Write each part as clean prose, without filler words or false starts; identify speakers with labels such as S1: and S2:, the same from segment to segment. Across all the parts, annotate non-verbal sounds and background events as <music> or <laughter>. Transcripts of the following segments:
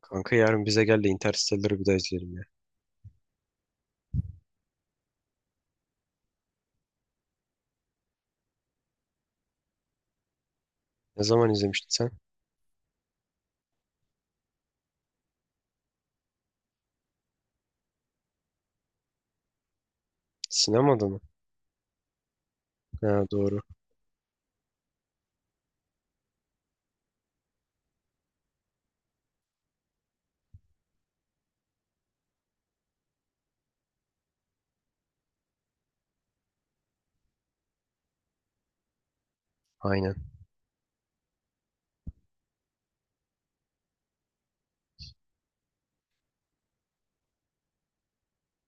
S1: Kanka yarın bize gel de Interstellar'ı bir daha izleyelim ya. Ne zaman izlemiştin sen? Sinemada mı? Ha, doğru. Aynen.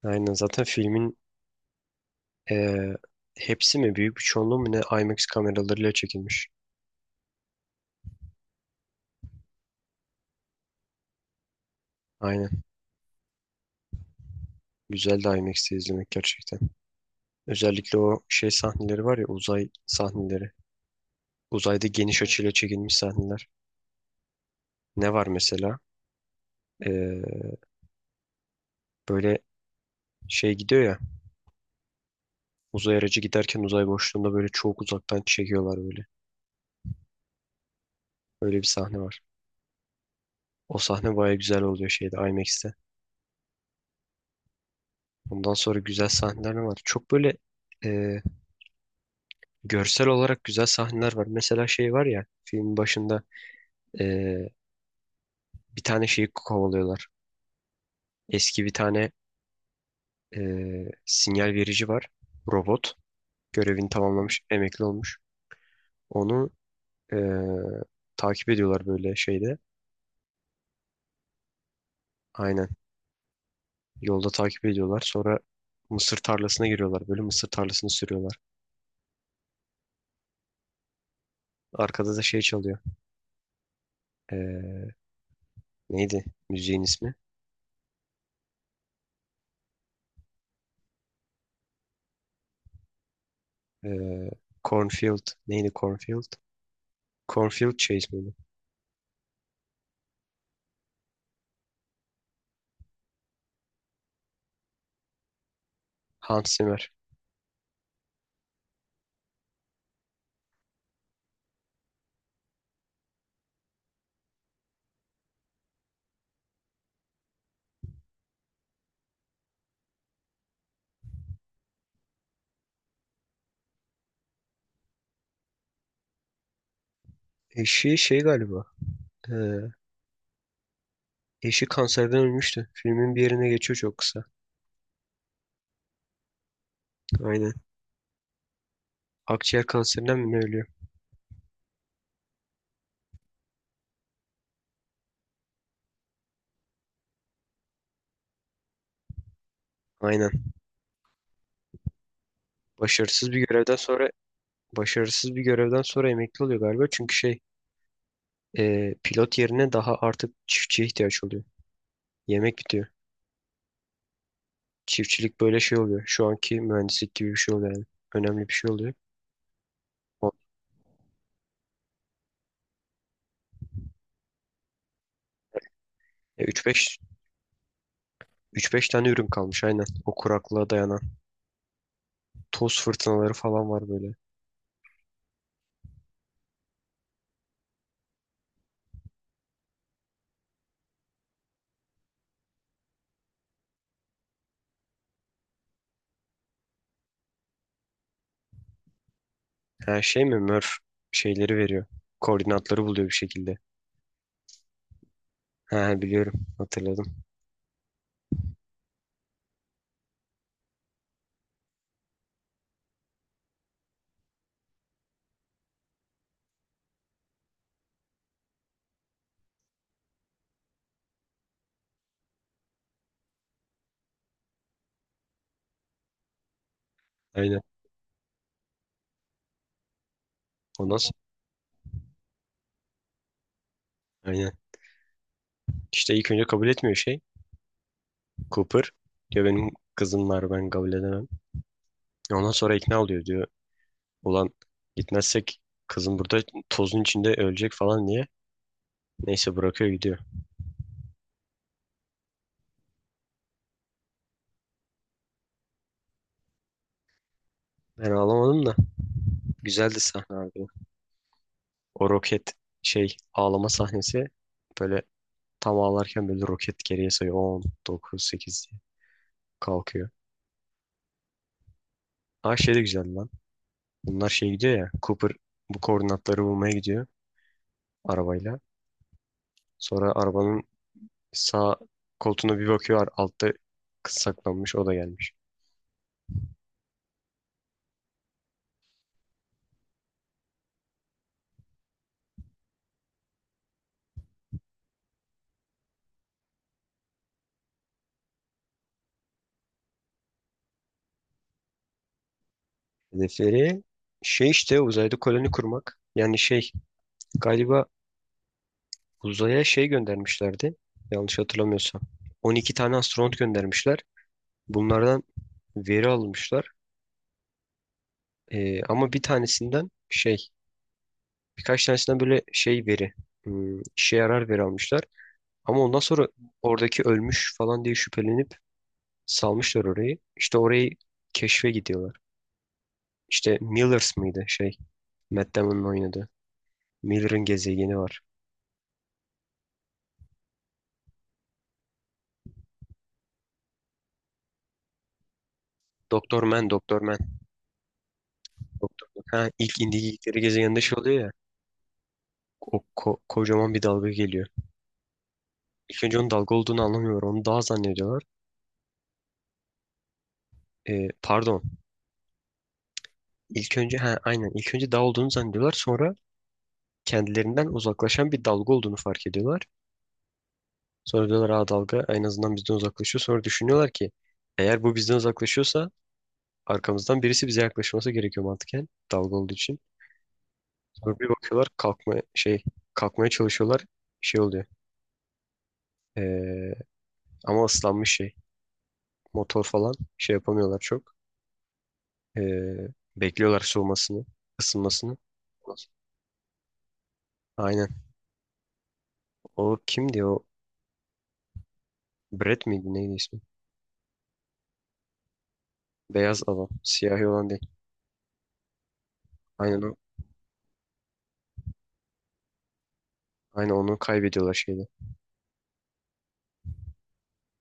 S1: Aynen. Zaten filmin eee, hepsi mi? Büyük bir çoğunluğu mu ne? IMAX kameralarıyla çekilmiş. Aynen. Güzel de IMAX'te izlemek gerçekten. Özellikle o şey sahneleri var ya, uzay sahneleri. Uzayda geniş açıyla çekilmiş sahneler. Ne var mesela? Eee, böyle şey gidiyor ya. Uzay aracı giderken uzay boşluğunda böyle çok uzaktan çekiyorlar böyle. Öyle bir sahne var. O sahne baya güzel oluyor şeyde, IMAX'te. Ondan sonra güzel sahneler ne var. Çok böyle e, görsel olarak güzel sahneler var. Mesela şey var ya, filmin başında e, bir tane şeyi kovalıyorlar. Eski bir tane e, sinyal verici var. Robot. Görevini tamamlamış. Emekli olmuş. Onu e, takip ediyorlar böyle şeyde. Aynen. Yolda takip ediyorlar. Sonra mısır tarlasına giriyorlar. Böyle mısır tarlasını sürüyorlar. Arkada da şey çalıyor. E, neydi müziğin ismi? Ee, Cornfield. Neydi Cornfield? Cornfield Chase miydi? Hans Zimmer. Eşi şey galiba. Ee, eşi kanserden ölmüştü. Filmin bir yerine geçiyor çok kısa. Aynen. Akciğer kanserinden mi ne ölüyor? Aynen. Başarısız bir görevden sonra başarısız bir görevden sonra emekli oluyor galiba. Çünkü şey pilot yerine daha artık çiftçiye ihtiyaç oluyor. Yemek bitiyor. Çiftçilik böyle şey oluyor. Şu anki mühendislik gibi bir şey oluyor yani. Önemli bir şey oluyor. O- e, 3-5 3-5 tane ürün kalmış, aynen. O, kuraklığa dayanan. Toz fırtınaları falan var böyle. Ha, şey mi? Murph şeyleri veriyor. Koordinatları buluyor bir şekilde. Ha, biliyorum. Hatırladım. Aynen. O nasıl? Aynen. İşte ilk önce kabul etmiyor şey. Cooper. Diyor benim kızım var, ben kabul edemem. Ondan sonra ikna oluyor, diyor. Ulan, gitmezsek kızım burada tozun içinde ölecek falan diye. Neyse, bırakıyor gidiyor. Ben ağlamadım da. Güzeldi sahne abi. O roket şey ağlama sahnesi, böyle tam ağlarken böyle roket geriye sayıyor. On dokuz sekiz diye kalkıyor. Ha, şey de güzel lan. Bunlar şey gidiyor ya. Cooper bu koordinatları bulmaya gidiyor arabayla. Sonra arabanın sağ koltuğuna bir bakıyor. Altta kız saklanmış. O da gelmiş. Hedefleri şey işte, uzayda koloni kurmak. Yani şey galiba uzaya şey göndermişlerdi. Yanlış hatırlamıyorsam, 12 tane astronot göndermişler. Bunlardan veri almışlar. Ama bir tanesinden şey, birkaç tanesinden böyle şey veri, işe yarar veri almışlar. Ama ondan sonra oradaki ölmüş falan diye şüphelenip salmışlar orayı. İşte orayı keşfe gidiyorlar. İşte Millers mıydı şey, Matt Damon'un oynadığı. Miller'ın gezegeni var. Doktor Man, Doktor Man. Doktor Man. Ha, ilk indikleri gezegeninde şey oluyor ya. Kocaman bir dalga geliyor. İlk önce onun dalga olduğunu anlamıyorlar. Onu dağ zannediyorlar. Pardon. İlk önce, ha aynen, ilk önce dağ olduğunu zannediyorlar. Sonra kendilerinden uzaklaşan bir dalga olduğunu fark ediyorlar. Sonra diyorlar ha, dalga en azından bizden uzaklaşıyor. Sonra düşünüyorlar ki eğer bu bizden uzaklaşıyorsa arkamızdan birisi bize yaklaşması gerekiyor, mantıken, dalga olduğu için. Sonra bir bakıyorlar kalkmaya çalışıyorlar. Şey oluyor. Ee, ama ıslanmış şey. Motor falan şey yapamıyorlar çok. Ee, bekliyorlar soğumasını, ısınmasını. Aynen. O kimdi o? Brett miydi neydi ismi? Beyaz adam. Siyahi olan değil. Aynen o. Aynen onu kaybediyorlar şeyde.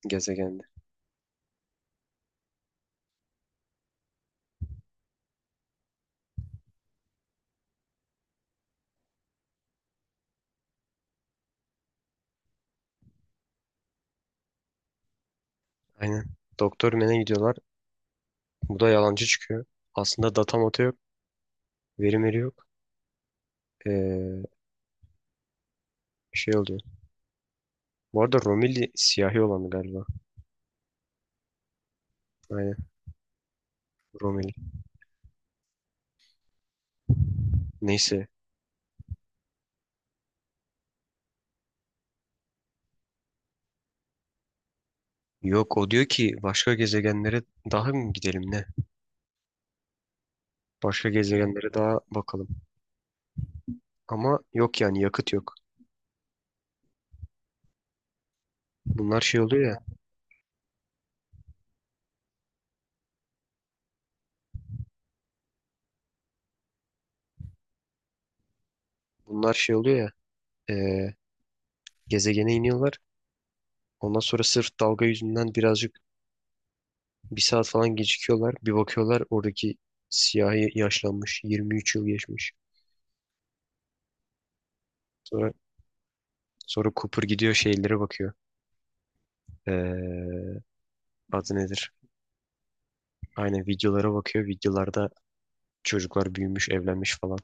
S1: Gezegende. Aynen. Doktor Men'e gidiyorlar. Bu da yalancı çıkıyor. Aslında data datamata yok. Veri veri yok. Ee, şey oluyor. Bu arada Romilli siyahi olanı galiba. Aynen. Romilli. Neyse. Yok, o diyor ki başka gezegenlere daha mı gidelim ne? Başka gezegenlere daha bakalım. Ama yok yani, yakıt yok. Bunlar şey oluyor ya. Bunlar şey oluyor ya. eee, gezegene iniyorlar. Ondan sonra sırf dalga yüzünden birazcık, bir saat falan gecikiyorlar. Bir bakıyorlar, oradaki siyahi yaşlanmış. 23 yıl geçmiş. Sonra sonra Cooper gidiyor şeylere bakıyor. Eee, adı nedir? Aynen, videolara bakıyor. Videolarda çocuklar büyümüş, evlenmiş falan.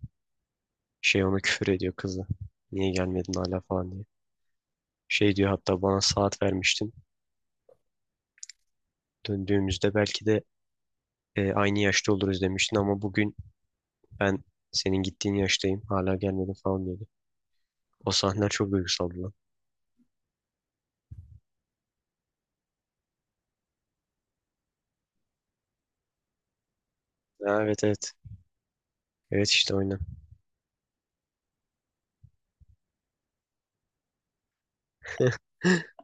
S1: Şey, ona küfür ediyor kızı. Niye gelmedin hala falan diye. Şey diyor, hatta bana saat vermiştin. Döndüğümüzde belki de aynı yaşta oluruz demiştin ama bugün ben senin gittiğin yaştayım. Hala gelmedin falan diyordu. O sahneler çok duygusaldı lan. Ha, evet evet. Evet işte, oynan. <gasps>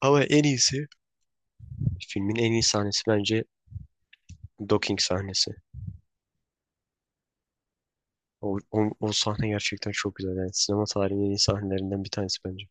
S1: Ama en iyisi, filmin en iyi sahnesi bence, docking sahnesi. O sahne gerçekten çok güzel. Yani sinema tarihinin en iyi sahnelerinden bir tanesi bence.